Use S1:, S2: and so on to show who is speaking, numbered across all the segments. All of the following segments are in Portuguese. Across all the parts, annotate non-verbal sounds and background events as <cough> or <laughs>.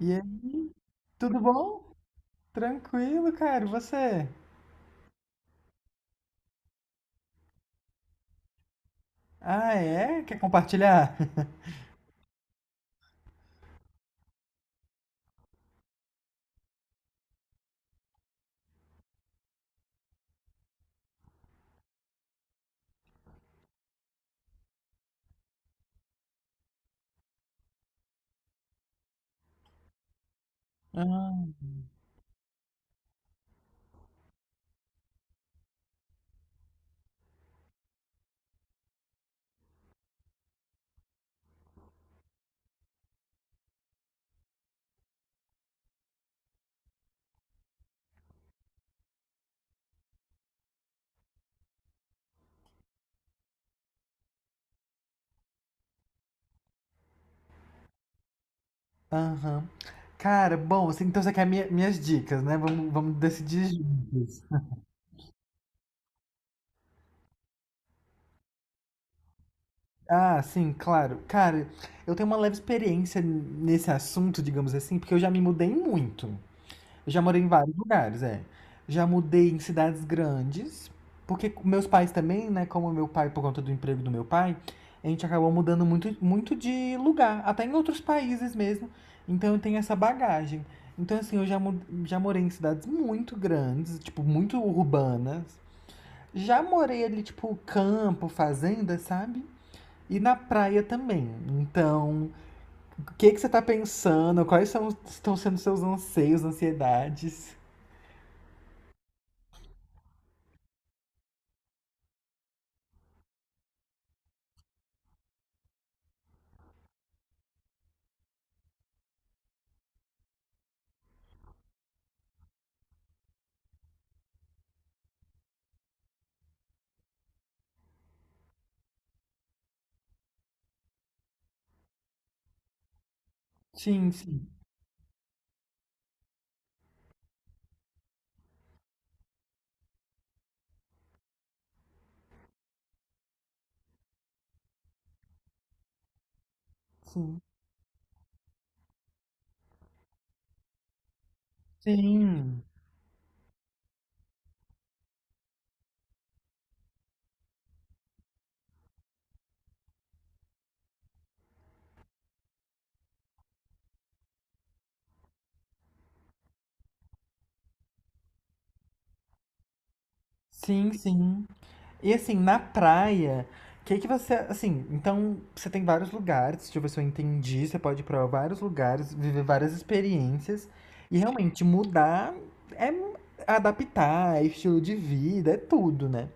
S1: E aí, tudo bom? Tranquilo, cara. E você? Ah, é? Quer compartilhar? <laughs> Ah, aham. Cara, bom, assim, então você quer minhas dicas, né? Vamos decidir juntos. Ah, sim, claro. Cara, eu tenho uma leve experiência nesse assunto, digamos assim, porque eu já me mudei muito. Eu já morei em vários lugares, é. Já mudei em cidades grandes, porque meus pais também, né? Como meu pai, por conta do emprego do meu pai, a gente acabou mudando muito, muito de lugar, até em outros países mesmo. Então eu tenho essa bagagem. Então, assim, já morei em cidades muito grandes, tipo, muito urbanas. Já morei ali, tipo, campo, fazenda, sabe? E na praia também. Então, o que que você tá pensando? Quais são, estão sendo seus anseios, ansiedades? Sim, sim, sim. Sim, sim, sim. E assim, na praia, o que que você, assim, então você tem vários lugares, deixa eu ver se eu entendi, você pode ir pra vários lugares, viver várias experiências e realmente mudar é adaptar, é estilo de vida, é tudo, né?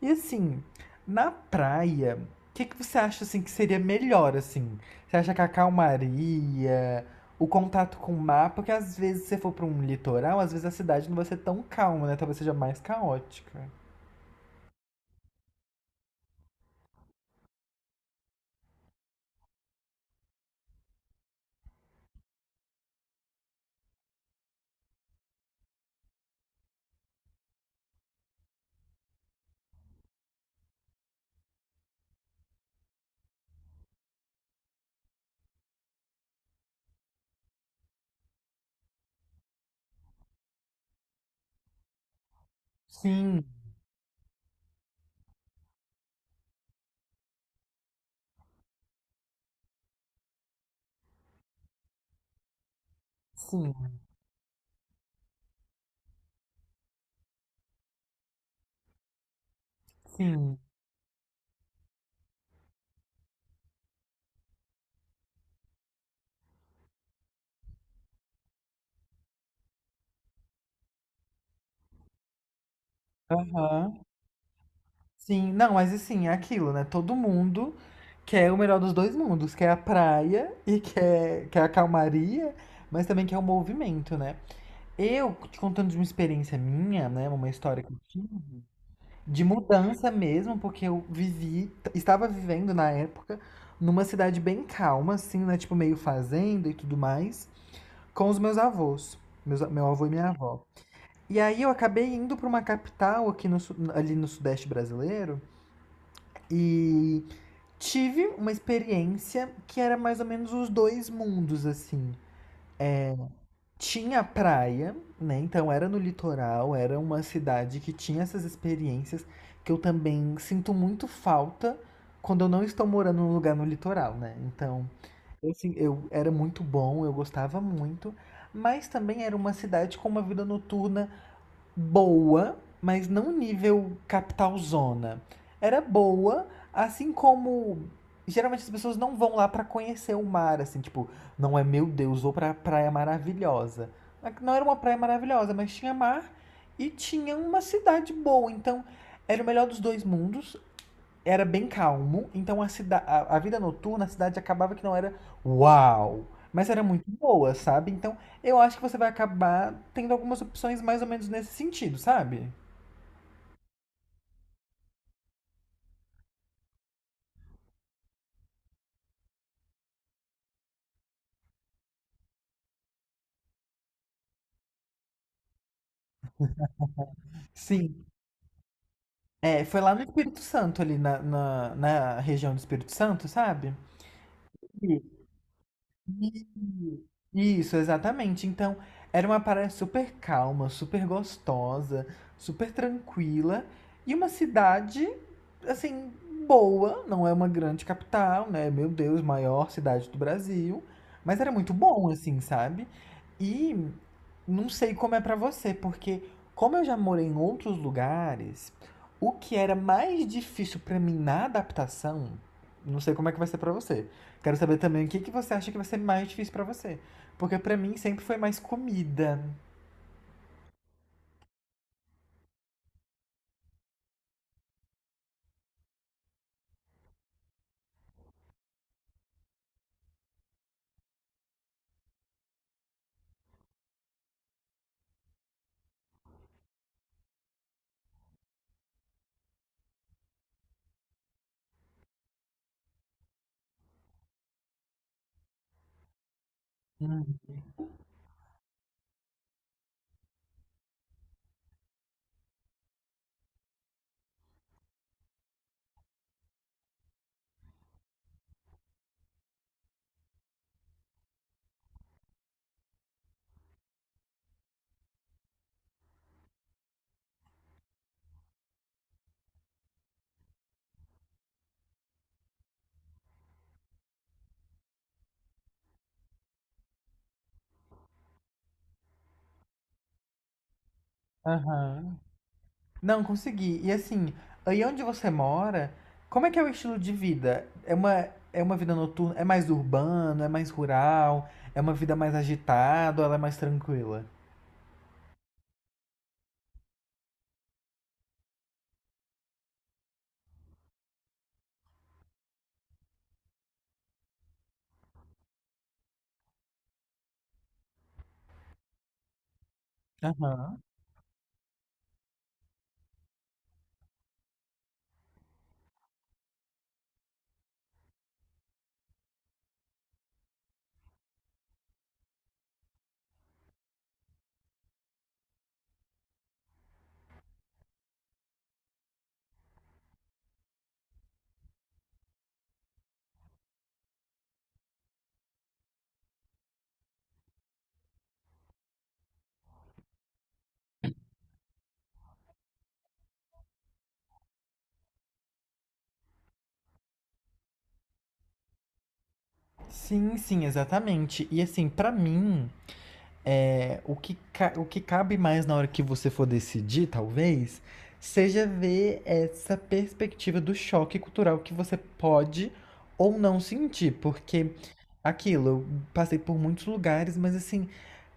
S1: E assim, na praia, o que que você acha assim que seria melhor assim? Você acha que a calmaria, o contato com o mar, porque às vezes se você for para um litoral, às vezes a cidade não vai ser tão calma, né? Talvez seja mais caótica. Sim, sim, sim. Aham. Sim, não, mas assim, é aquilo, né? Todo mundo quer o melhor dos dois mundos, quer a praia e quer, quer a calmaria, mas também quer o movimento, né? Eu te contando de uma experiência minha, né, uma história que eu tive, de mudança mesmo, porque eu vivi, estava vivendo na época numa cidade bem calma, assim, né, tipo meio fazenda e tudo mais, com os meus avós, meus, meu avô e minha avó. E aí eu acabei indo para uma capital aqui no, ali no sudeste brasileiro e tive uma experiência que era mais ou menos os dois mundos, assim. Tinha praia, né? Então era no litoral, era uma cidade que tinha essas experiências que eu também sinto muito falta quando eu não estou morando num lugar no litoral, né? Então, eu, assim, eu era muito bom, eu gostava muito, mas também era uma cidade com uma vida noturna boa, mas não nível capital zona. Era boa, assim como geralmente as pessoas não vão lá pra conhecer o mar, assim, tipo, não é meu Deus, vou pra praia maravilhosa. Não era uma praia maravilhosa, mas tinha mar e tinha uma cidade boa, então era o melhor dos dois mundos, era bem calmo, então a vida noturna, a cidade acabava que não era uau, mas era muito boa, sabe? Então eu acho que você vai acabar tendo algumas opções mais ou menos nesse sentido, sabe? Sim. É, foi lá no Espírito Santo, ali na região do Espírito Santo, sabe? Isso, Isso, exatamente. Então, era uma praia super calma, super gostosa, super tranquila e uma cidade, assim, boa. Não é uma grande capital, né? Meu Deus, maior cidade do Brasil. Mas era muito bom, assim, sabe? E não sei como é pra você, porque como eu já morei em outros lugares, o que era mais difícil pra mim na adaptação, não sei como é que vai ser pra você. Quero saber também o que, que você acha que vai ser mais difícil pra você. Porque pra mim sempre foi mais comida. Hum. Aham. Não, consegui. E assim, aí onde você mora, como é que é o estilo de vida? É uma vida noturna? É mais urbano? É mais rural? É uma vida mais agitada ou ela é mais tranquila? Aham. Sim, sim, exatamente. E assim, pra mim. É, o que, o que cabe mais na hora que você for decidir, talvez, seja ver essa perspectiva do choque cultural que você pode ou não sentir, porque aquilo, eu passei por muitos lugares, mas assim,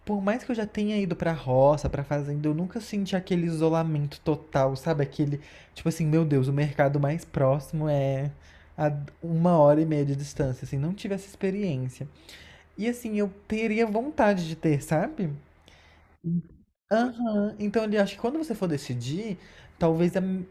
S1: por mais que eu já tenha ido pra roça, pra fazenda, eu nunca senti aquele isolamento total, sabe? Aquele, tipo assim, meu Deus, o mercado mais próximo é a uma hora e meia de distância, assim, não tive essa experiência. E assim, eu teria vontade de ter, sabe? Aham. Então, ele acho que quando você for decidir, talvez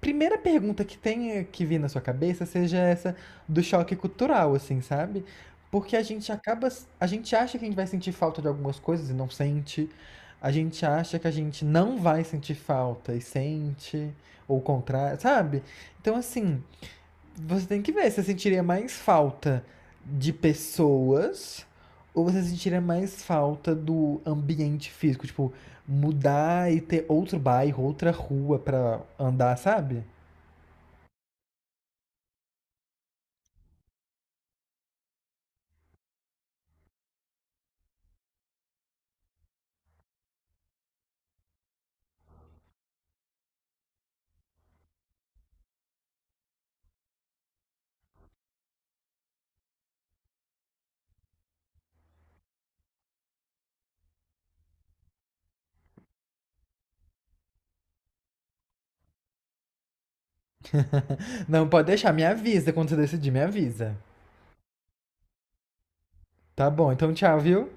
S1: primeira pergunta que tenha que vir na sua cabeça seja essa do choque cultural, assim, sabe? Porque a gente acaba, a gente acha que a gente vai sentir falta de algumas coisas e não sente. A gente acha que a gente não vai sentir falta e sente, ou o contrário, sabe? Então, assim, você tem que ver, você sentiria mais falta de pessoas ou você sentiria mais falta do ambiente físico? Tipo, mudar e ter outro bairro, outra rua pra andar, sabe? Não, pode deixar, me avisa quando você decidir, me avisa. Tá bom, então tchau, viu?